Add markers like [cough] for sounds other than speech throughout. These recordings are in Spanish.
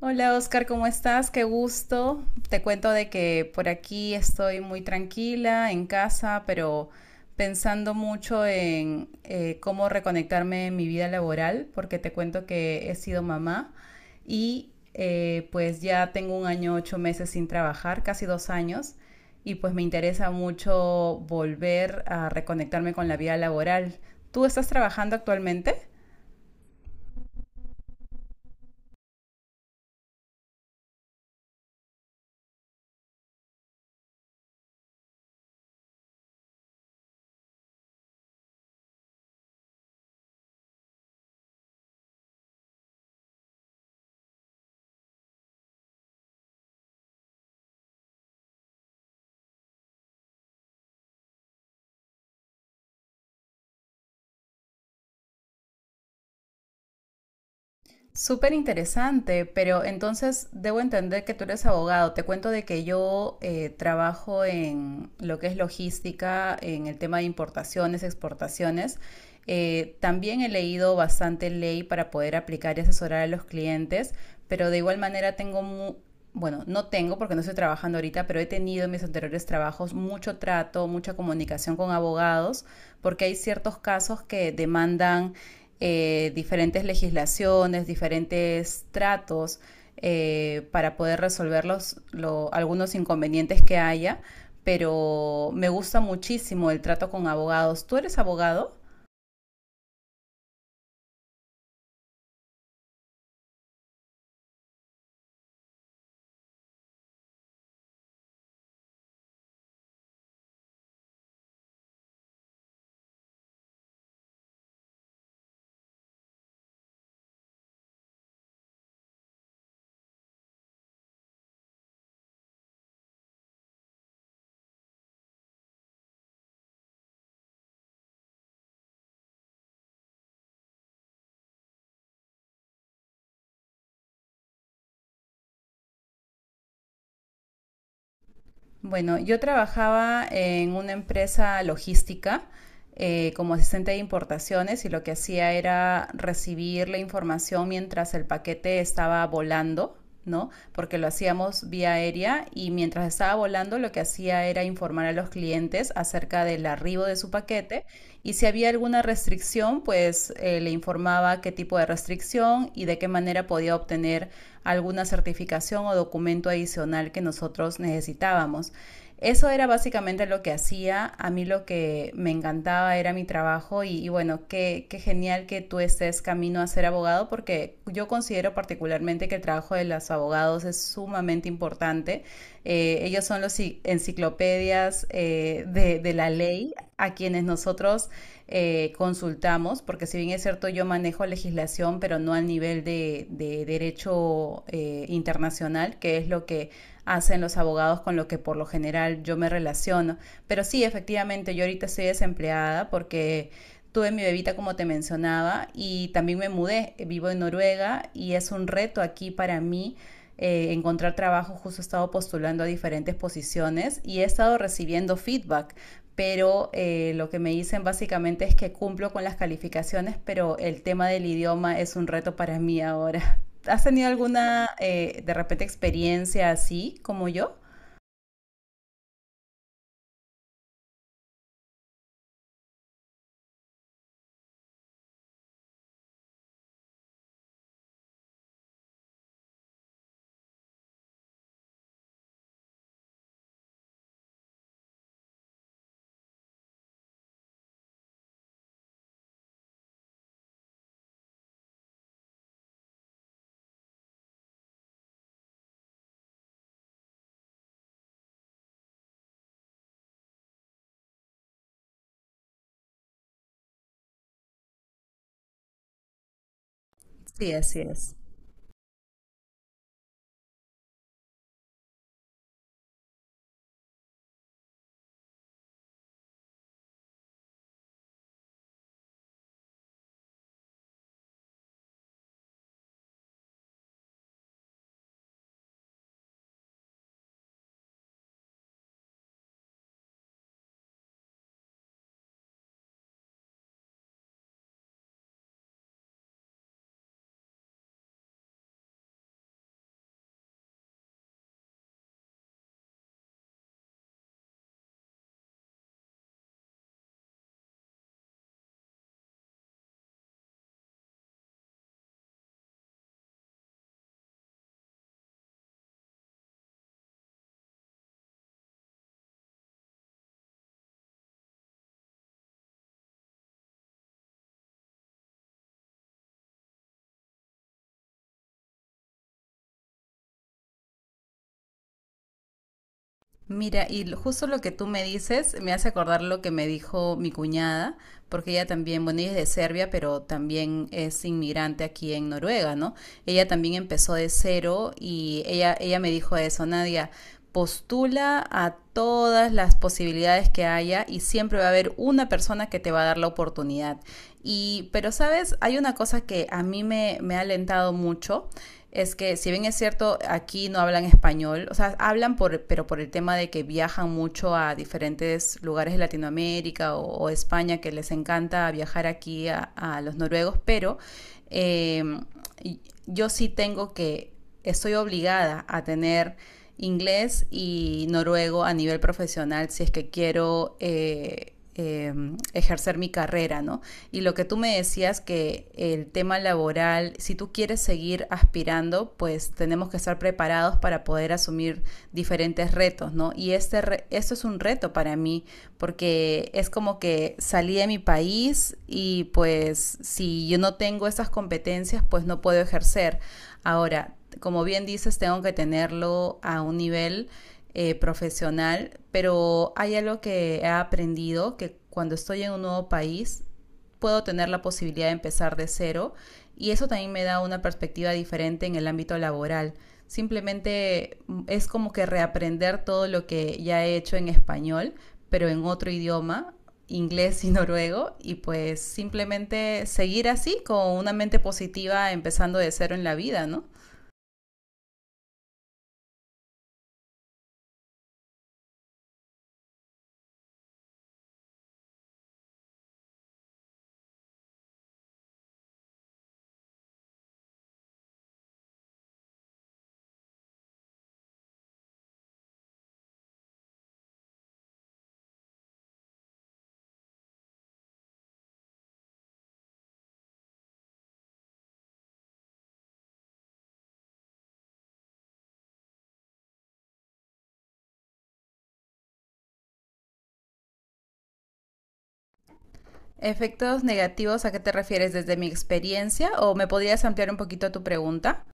Hola Oscar, ¿cómo estás? Qué gusto. Te cuento de que por aquí estoy muy tranquila en casa, pero pensando mucho en cómo reconectarme en mi vida laboral, porque te cuento que he sido mamá y pues ya tengo 1 año, 8 meses sin trabajar, casi 2 años, y pues me interesa mucho volver a reconectarme con la vida laboral. ¿Tú estás trabajando actualmente? Súper interesante, pero entonces debo entender que tú eres abogado. Te cuento de que yo trabajo en lo que es logística, en el tema de importaciones, exportaciones. También he leído bastante ley para poder aplicar y asesorar a los clientes, pero de igual manera tengo, bueno, no tengo porque no estoy trabajando ahorita, pero he tenido en mis anteriores trabajos mucho trato, mucha comunicación con abogados, porque hay ciertos casos que demandan diferentes legislaciones, diferentes tratos para poder resolver los, algunos inconvenientes que haya, pero me gusta muchísimo el trato con abogados. ¿Tú eres abogado? Bueno, yo trabajaba en una empresa logística como asistente de importaciones y lo que hacía era recibir la información mientras el paquete estaba volando, ¿no? Porque lo hacíamos vía aérea y mientras estaba volando lo que hacía era informar a los clientes acerca del arribo de su paquete y si había alguna restricción, pues le informaba qué tipo de restricción y de qué manera podía obtener alguna certificación o documento adicional que nosotros necesitábamos. Eso era básicamente lo que hacía. A mí lo que me encantaba era mi trabajo y bueno, qué genial que tú estés camino a ser abogado porque yo considero particularmente que el trabajo de los abogados es sumamente importante. Ellos son los enciclopedias de la ley a quienes nosotros consultamos, porque si bien es cierto yo manejo legislación, pero no al nivel de derecho internacional, que es lo que hacen los abogados con lo que por lo general yo me relaciono. Pero sí, efectivamente, yo ahorita estoy desempleada porque tuve mi bebita como te mencionaba y también me mudé, vivo en Noruega y es un reto aquí para mí encontrar trabajo, justo he estado postulando a diferentes posiciones y he estado recibiendo feedback pero lo que me dicen básicamente es que cumplo con las calificaciones, pero el tema del idioma es un reto para mí ahora. [laughs] ¿Has tenido alguna, de repente, experiencia así como yo? Sí, así es. Mira, y justo lo que tú me dices me hace acordar lo que me dijo mi cuñada, porque ella también, bueno, ella es de Serbia, pero también es inmigrante aquí en Noruega, ¿no? Ella también empezó de cero y ella me dijo eso, Nadia, postula a todas las posibilidades que haya y siempre va a haber una persona que te va a dar la oportunidad. Y, pero sabes, hay una cosa que a mí mí me, me ha alentado mucho es que si bien es cierto, aquí no hablan español, o sea, hablan por, pero por el tema de que viajan mucho a diferentes lugares de Latinoamérica o España, que les encanta viajar aquí a los noruegos, pero eh, yo sí tengo que, estoy obligada a tener inglés y noruego a nivel profesional si es que quiero... ejercer mi carrera, ¿no? Y lo que tú me decías que el tema laboral, si tú quieres seguir aspirando, pues tenemos que estar preparados para poder asumir diferentes retos, ¿no? Y este re esto es un reto para mí, porque es como que salí de mi país y pues si yo no tengo esas competencias, pues no puedo ejercer. Ahora, como bien dices, tengo que tenerlo a un nivel profesional, pero hay algo que he aprendido, que cuando estoy en un nuevo país puedo tener la posibilidad de empezar de cero y eso también me da una perspectiva diferente en el ámbito laboral. Simplemente es como que reaprender todo lo que ya he hecho en español, pero en otro idioma, inglés y [laughs] noruego, y pues simplemente seguir así con una mente positiva empezando de cero en la vida, ¿no? Efectos negativos, ¿a qué te refieres desde mi experiencia? ¿O me podrías ampliar un poquito tu pregunta?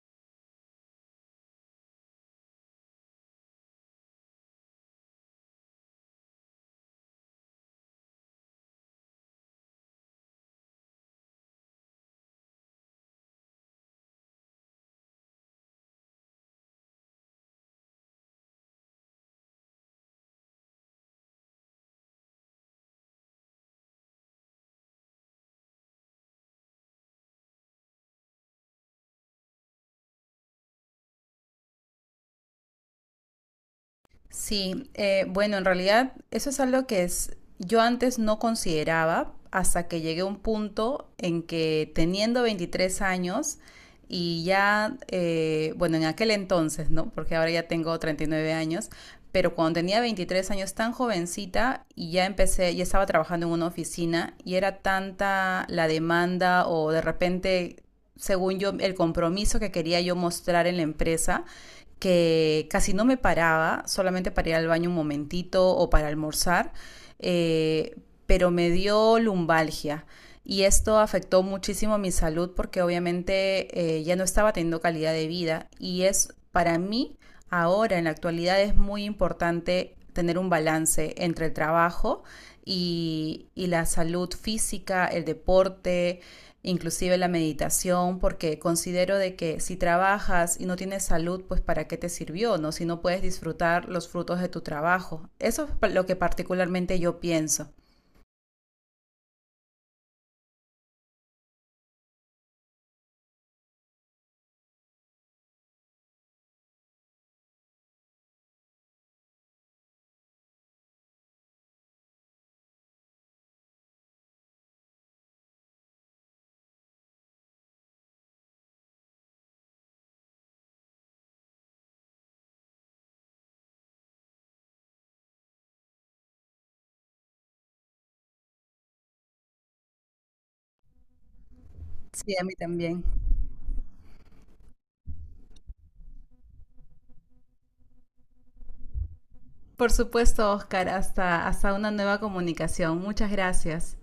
Sí, bueno, en realidad eso es algo que es, yo antes no consideraba hasta que llegué a un punto en que teniendo 23 años y ya, bueno, en aquel entonces, ¿no? Porque ahora ya tengo 39 años, pero cuando tenía 23 años tan jovencita y ya empecé, ya estaba trabajando en una oficina y era tanta la demanda o de repente, según yo, el compromiso que quería yo mostrar en la empresa que casi no me paraba, solamente para ir al baño un momentito o para almorzar, eh, pero me dio lumbalgia. Y esto afectó muchísimo mi salud porque obviamente ya no estaba teniendo calidad de vida. Y es para mí, ahora en la actualidad, es muy importante tener un balance entre el trabajo y la salud física, el deporte, inclusive la meditación, porque considero de que si trabajas y no tienes salud, pues para qué te sirvió, ¿no? Si no puedes disfrutar los frutos de tu trabajo. Eso es lo que particularmente yo pienso. Sí, a mí también. Por supuesto, Oscar, hasta una nueva comunicación. Muchas gracias.